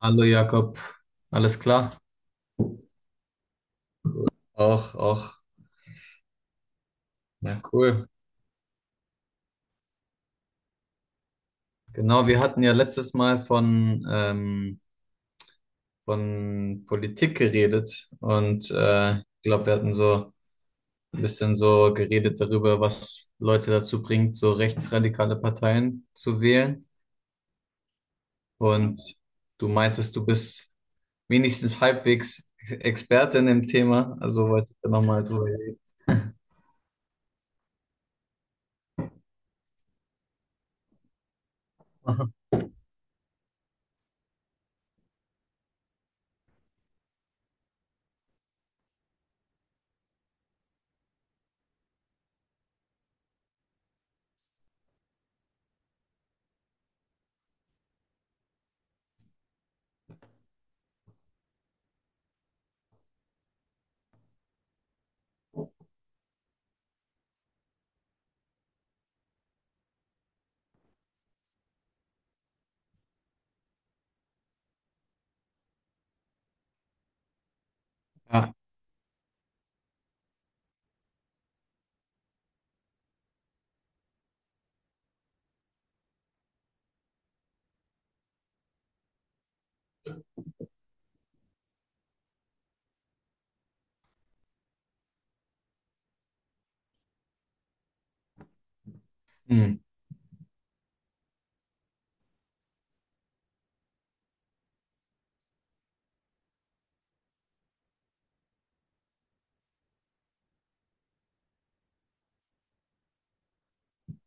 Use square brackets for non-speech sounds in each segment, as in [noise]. Hallo Jakob, alles klar? Auch, auch. Na cool. Genau, wir hatten ja letztes Mal von von Politik geredet und ich glaube, wir hatten so ein bisschen so geredet darüber, was Leute dazu bringt, so rechtsradikale Parteien zu wählen. Und du meintest, du bist wenigstens halbwegs Experte in dem Thema, also wollte ich da nochmal drüber reden. [laughs] Ja. Hm.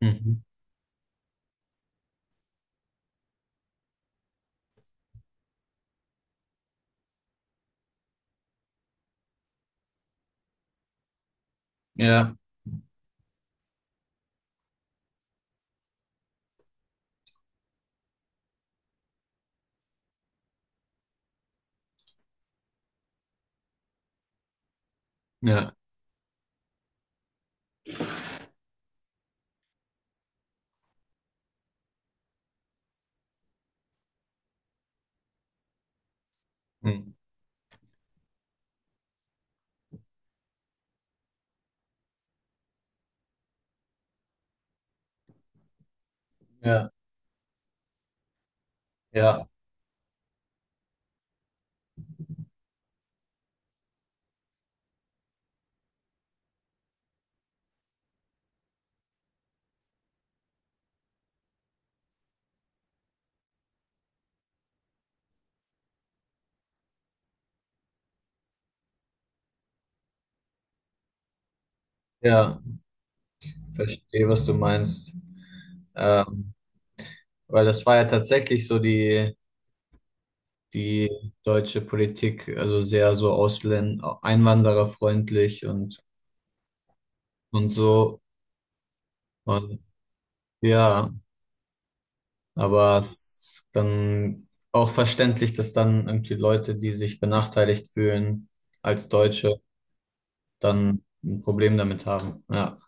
Mhm. Ja. Ja. Hm. Ja. Ja. Ja, verstehe, was du meinst. Ähm, Weil das war ja tatsächlich so die deutsche Politik, also sehr so Ausländer, einwandererfreundlich und so. Und ja, aber es ist dann auch verständlich, dass dann irgendwie Leute, die sich benachteiligt fühlen als Deutsche, dann ein Problem damit haben. Ja.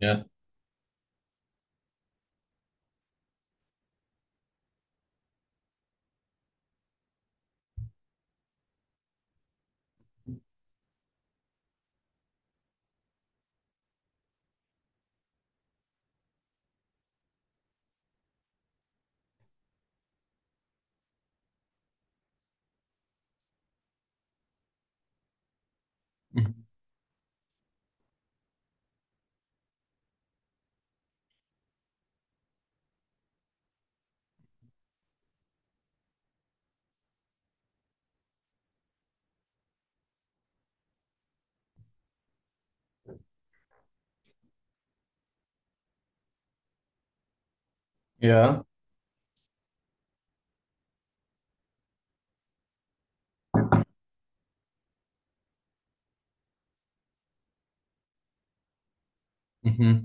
Ja. Mhm. Ja. Mhm.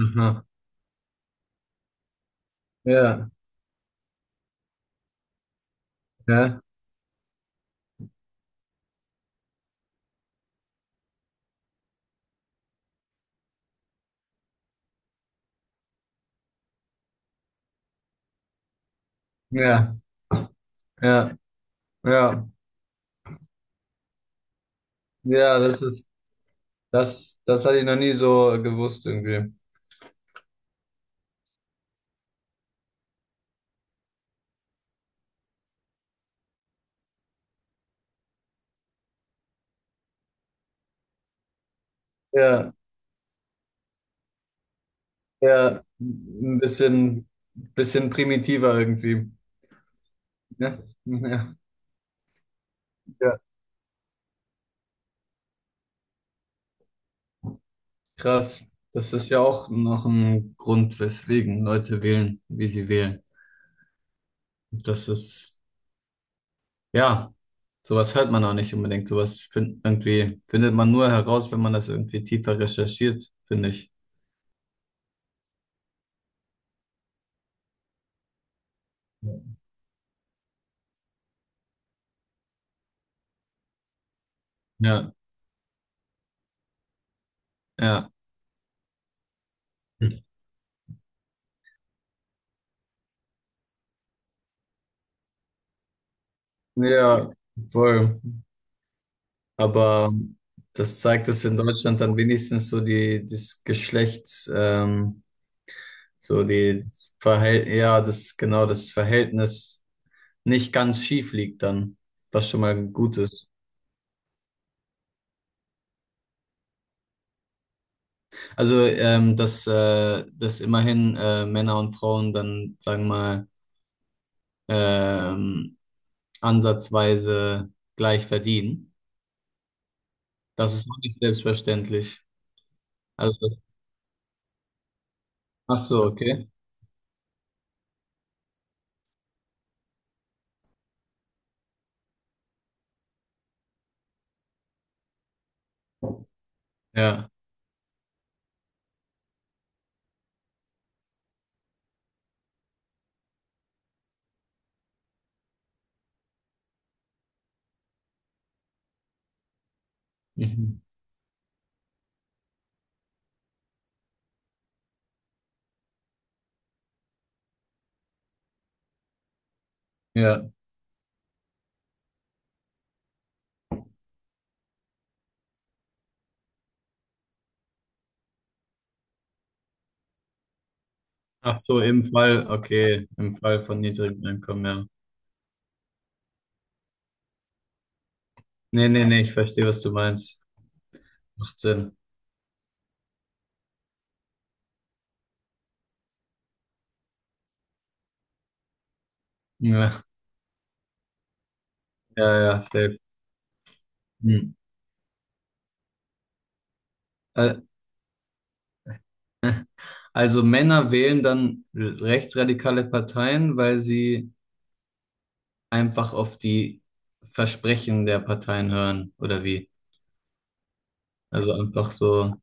Aha. Ja. Ja. Ja. Ja. Ja. Ja, das ist das hatte ich noch nie so gewusst irgendwie. Ja, ja, ein bisschen primitiver irgendwie. Ja, ja, ja. Krass. Das ist ja auch noch ein Grund, weswegen Leute wählen, wie sie wählen. Das ist, ja, sowas hört man auch nicht unbedingt. Irgendwie findet man nur heraus, wenn man das irgendwie tiefer recherchiert, finde ich. Ja, ja. Ja, voll. Aber das zeigt, dass in Deutschland dann wenigstens so die das Verhält ja, das genau das Verhältnis nicht ganz schief liegt dann, was schon mal gut ist. Also dass immerhin Männer und Frauen dann sagen wir mal ähm, ansatzweise gleich verdienen, das ist auch nicht selbstverständlich. Also ach so, okay, ja, mhm. Ja. Ach so, im Fall, okay, im Fall von niedrigem Einkommen, ja. Nee, nee, nee, ich verstehe, was du meinst. Macht Sinn. Ja, ja, ja, safe. Hm. Al- Also Männer wählen dann rechtsradikale Parteien, weil sie einfach auf die Versprechen der Parteien hören, oder wie? Also einfach so,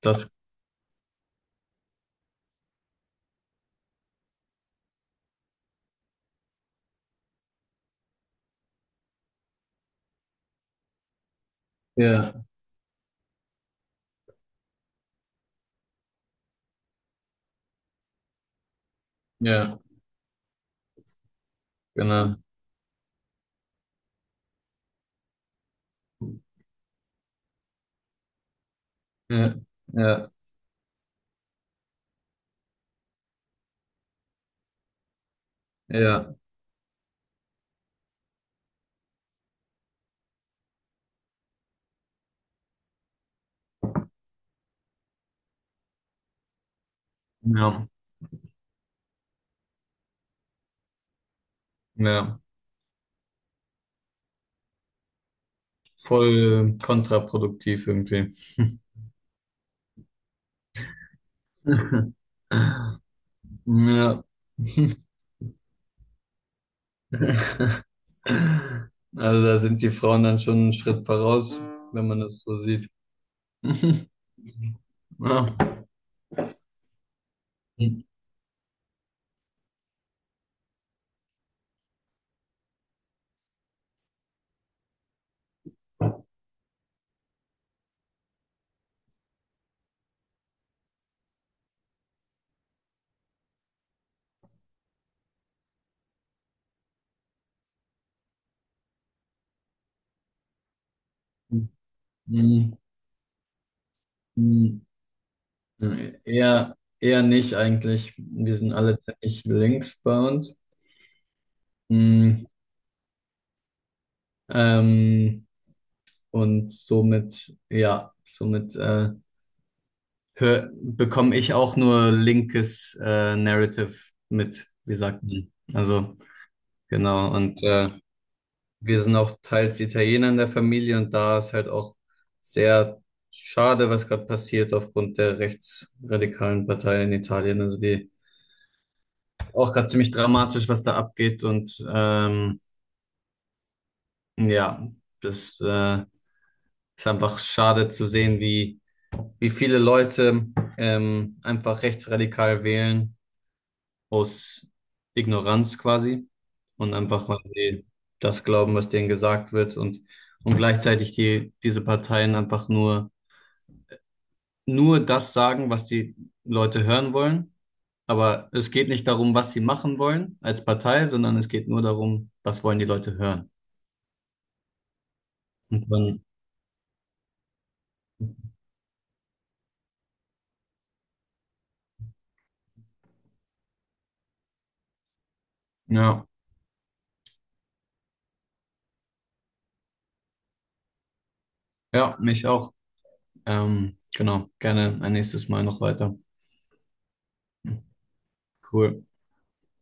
das, ja, ja, genau. Ja, ja, ja, ja, ja. Voll kontraproduktiv irgendwie. [laughs] Ja. [laughs] Also da sind die Frauen dann schon einen Schritt voraus, wenn man das so sieht. [laughs] Ja. Eher, eher nicht eigentlich. Wir sind alle ziemlich links bei uns. Mm, Ähm, und somit, ja, somit bekomme ich auch nur linkes Narrative mit, wie sagt man. Also, genau. Und wir sind auch teils Italiener in der Familie und da ist halt auch sehr schade, was gerade passiert aufgrund der rechtsradikalen Partei in Italien. Also die auch gerade ziemlich dramatisch, was da abgeht und ja, das ist einfach schade zu sehen, wie wie viele Leute einfach rechtsradikal wählen aus Ignoranz quasi und einfach, Mhm. weil sie das glauben, was denen gesagt wird und gleichzeitig diese Parteien nur das sagen, was die Leute hören wollen. Aber es geht nicht darum, was sie machen wollen als Partei, sondern es geht nur darum, was wollen die Leute hören. Und dann, ja, ja, mich auch. Genau, gerne ein nächstes Mal noch weiter. Cool.